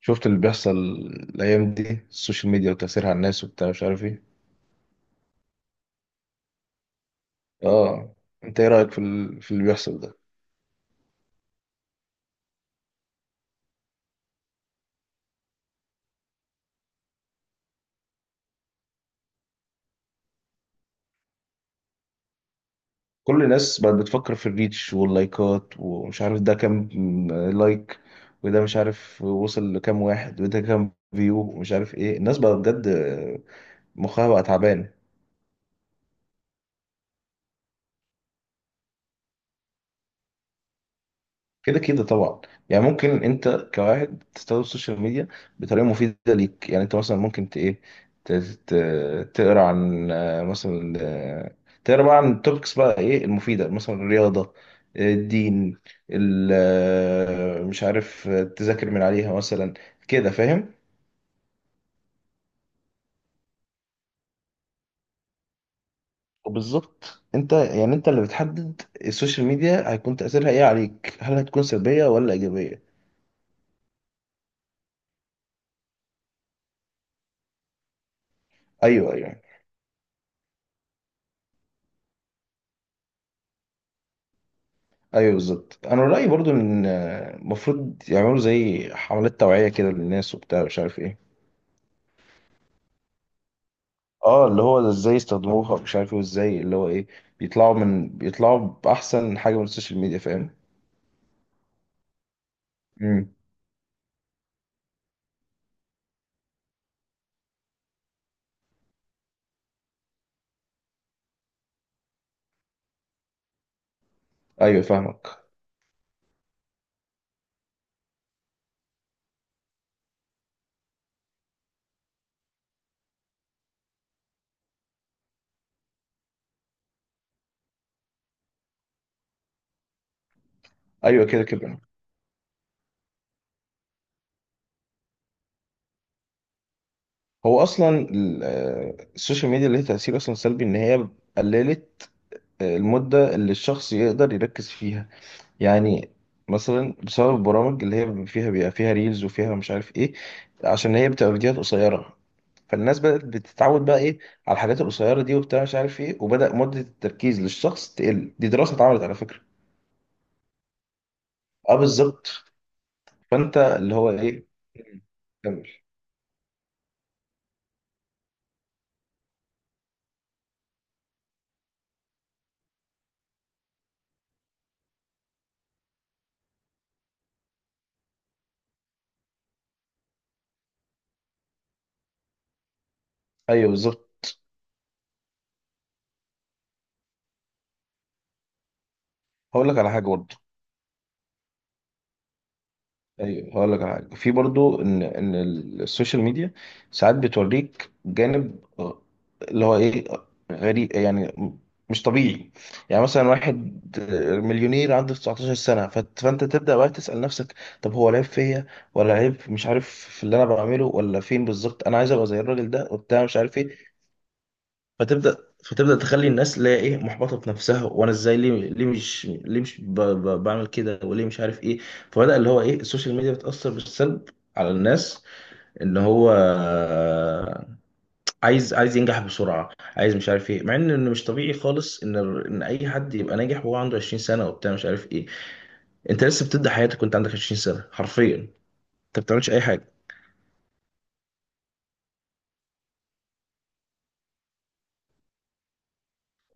شفت اللي بيحصل الايام دي السوشيال ميديا وتاثيرها على الناس وبتاع مش عارف ايه. اه، انت ايه رايك في اللي بيحصل ده؟ كل الناس بقت بتفكر في الريتش واللايكات ومش عارف ده كام لايك، وده مش عارف وصل لكام واحد، وده كام فيو، ومش عارف ايه. الناس بقى بجد مخها بقى تعبان. كده كده طبعا، يعني ممكن انت كواحد تستخدم السوشيال ميديا بطريقه مفيده ليك. يعني انت مثلا ممكن ت ايه، تقرا عن مثلا، تقرا بقى عن التوبكس بقى ايه المفيده، مثلا الرياضه، الدين، مش عارف، تذاكر من عليها مثلا، كده فاهم. وبالظبط، انت يعني انت اللي بتحدد السوشيال ميديا هيكون تاثيرها ايه عليك، هل هتكون سلبيه ولا ايجابيه. ايوه ايوه، ايوه، بالظبط. انا رايي برضو ان المفروض يعملوا زي حملات توعيه كده للناس وبتاع مش عارف ايه. اه، اللي هو ازاي يستخدموها، مش عارف ايه، وازاي اللي هو ايه بيطلعوا من بيطلعوا باحسن حاجه من السوشيال ميديا، فاهم. امم، ايوه فاهمك، ايوه كده كده. هو اصلا السوشيال ميديا ليها تاثير اصلا سلبي، ان هي قللت المده اللي الشخص يقدر يركز فيها. يعني مثلا بسبب البرامج اللي هي فيها بيبقى فيها ريلز وفيها مش عارف ايه، عشان هي بتبقى فيديوهات قصيره، فالناس بدأت بتتعود بقى ايه على الحاجات القصيره دي وبتاع مش عارف ايه، وبدأ مده التركيز للشخص تقل. دي دراسه اتعملت على فكره. اه بالظبط. فانت اللي هو ايه، كمل. ايوه بالظبط، هقول لك على حاجه برضه. ايوه هقول لك على حاجه، في برضو ان السوشيال ميديا ساعات بتوريك جانب اللي هو ايه، غريب، يعني مش طبيعي. يعني مثلا واحد مليونير عنده 19 سنه، فانت تبدا بقى تسال نفسك، طب هو العيب فيا ولا العيب مش عارف في اللي انا بعمله، ولا فين بالظبط؟ انا عايز ابقى زي الراجل ده وبتاع مش عارف ايه. فتبدا فتبدا تخلي الناس اللي هي ايه محبطه في نفسها، وانا ازاي، ليه، ليه مش، ليه مش بعمل كده، وليه مش عارف ايه. فبدا اللي هو ايه السوشيال ميديا بتاثر بالسلب على الناس، ان هو عايز ينجح بسرعه، عايز مش عارف ايه، مع ان إنه مش طبيعي خالص ان اي حد يبقى ناجح وهو عنده 20 سنه وبتاع مش عارف ايه. انت لسه بتبدا حياتك وانت عندك 20 سنه، حرفيا انت ما بتعملش اي حاجه.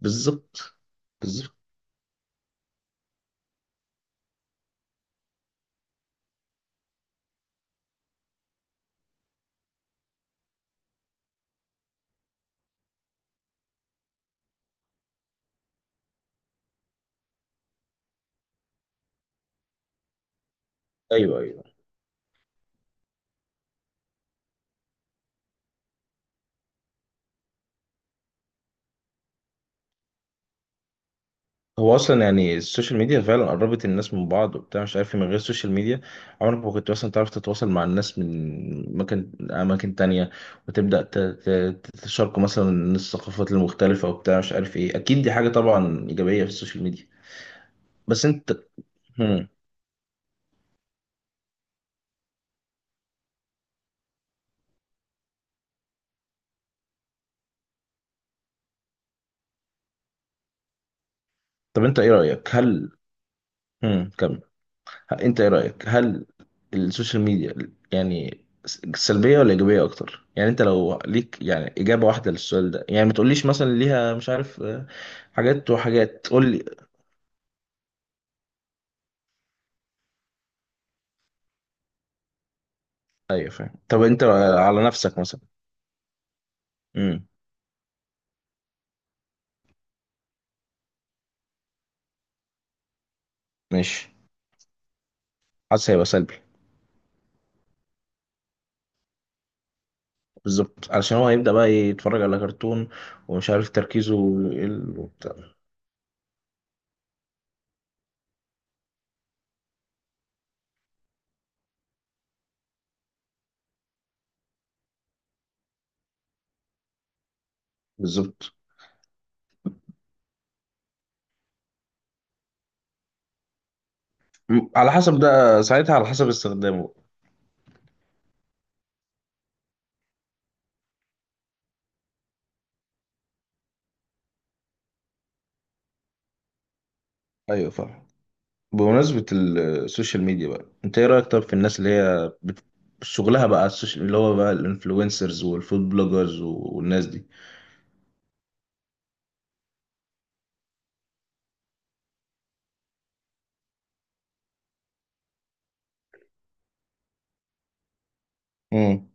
بالظبط، بالظبط، ايوه ايوه. هو اصلا يعني السوشيال ميديا فعلا قربت الناس من بعض وبتاع مش عارف إيه، من غير السوشيال ميديا عمرك ما كنت مثلا تعرف تتواصل مع الناس من اماكن تانية، وتبدا تتشاركوا مثلا الثقافات المختلفه وبتاع مش عارف ايه. اكيد دي حاجه طبعا ايجابيه في السوشيال ميديا. بس انت، هم. طب انت ايه رايك، هل، كمل. انت ايه رأيك، هل السوشيال ميديا يعني سلبية ولا إيجابية أكتر؟ يعني أنت لو ليك يعني إجابة واحدة للسؤال ده، يعني ما تقوليش مثلا ليها مش عارف حاجات وحاجات، قول لي. أيوه فاهم. طب أنت على نفسك مثلا. امم، ماشي، حاسس هيبقى سلبي. بالظبط، علشان هو هيبدأ بقى يتفرج على كرتون ومش عارف تركيزه يقل وبتاع. بالظبط، على حسب، ده ساعتها على حسب استخدامه. أيوه فاهم. بمناسبة السوشيال ميديا بقى، انت ايه رأيك طب في الناس اللي هي شغلها بقى على السوشيال، اللي هو بقى الانفلونسرز والفود بلوجرز والناس دي. امم،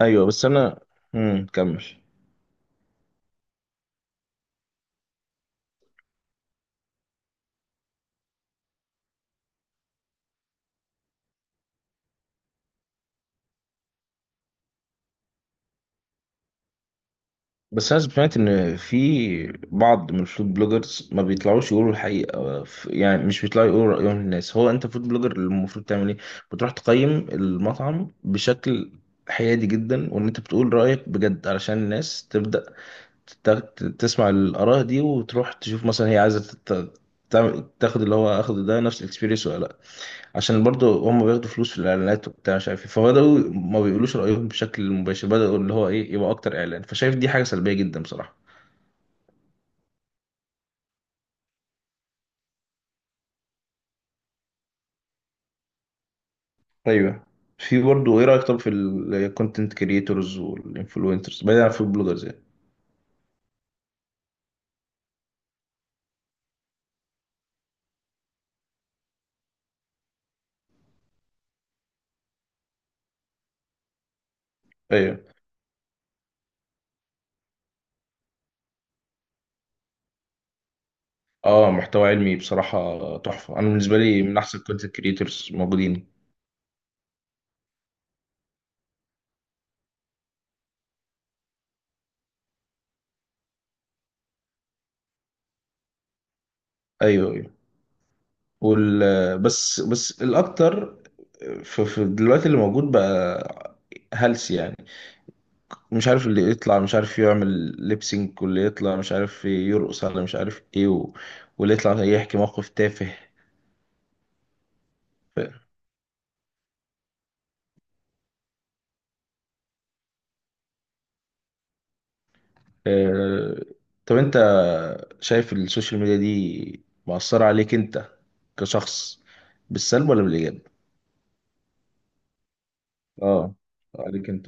ايوه. بس انا، كمل. بس انا سمعت ان في بعض من الفود بلوجرز ما بيطلعوش يقولوا الحقيقة، يعني مش بيطلعوا يقولوا رأيهم للناس. هو انت فود بلوجر المفروض تعمل ايه؟ بتروح تقيم المطعم بشكل حيادي جدا، وان انت بتقول رأيك بجد علشان الناس تبدأ تسمع الآراء دي، وتروح تشوف مثلا هي عايزة تاخد اللي هو اخده ده نفس الاكسبيرينس ولا لا. عشان برضه هم بياخدوا فلوس في الاعلانات وبتاع مش عارف ايه، فبداوا ما بيقولوش رأيهم بشكل مباشر، بداوا اللي هو ايه يبقى اكتر اعلان. فشايف دي حاجة سلبية جدا بصراحة. ايوه. في برضه، ايه رأيك طب في الكونتنت كريتورز والانفلونسرز بعيدا عن البلوجرز يعني. ايوه. اه، محتوى علمي بصراحة تحفة. انا بالنسبة لي من احسن الكونتنت كريتورز موجودين. ايوه ايوه. وال بس بس الأكتر في دلوقتي اللي موجود بقى هلس يعني، مش عارف اللي يطلع مش عارف يعمل ليبسينك، واللي يطلع مش عارف يرقص على مش عارف ايه و... واللي يطلع يحكي موقف تافه. ف... آه... طب انت شايف السوشيال ميديا دي مأثرة عليك انت كشخص بالسلب ولا بالإيجاب؟ اه، عليك انت.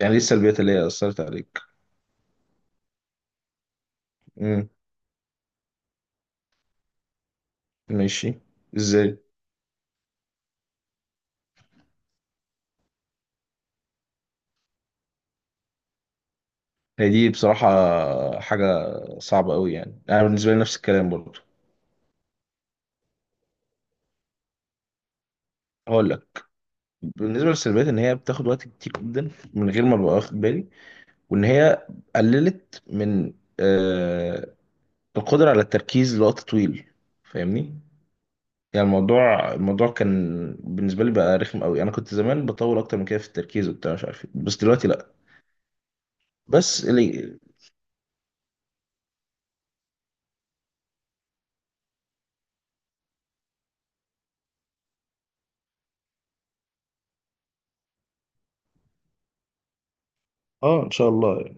يعني ايه السلبيات اللي هي أثرت عليك؟ امم، ماشي، ازاي؟ هي دي بصراحة حاجة صعبة قوي. يعني أنا بالنسبة لي نفس الكلام برضه. هقول لك، بالنسبة للسلبيات إن هي بتاخد وقت كتير جدا من غير ما أبقى واخد بالي، وإن هي قللت من آه القدرة على التركيز لوقت طويل، فاهمني؟ يعني الموضوع كان بالنسبة لي بقى رخم قوي. أنا كنت زمان بطول أكتر من كده في التركيز وبتاع مش عارف إيه، بس دلوقتي لأ. بس اللي، آه إن شاء الله.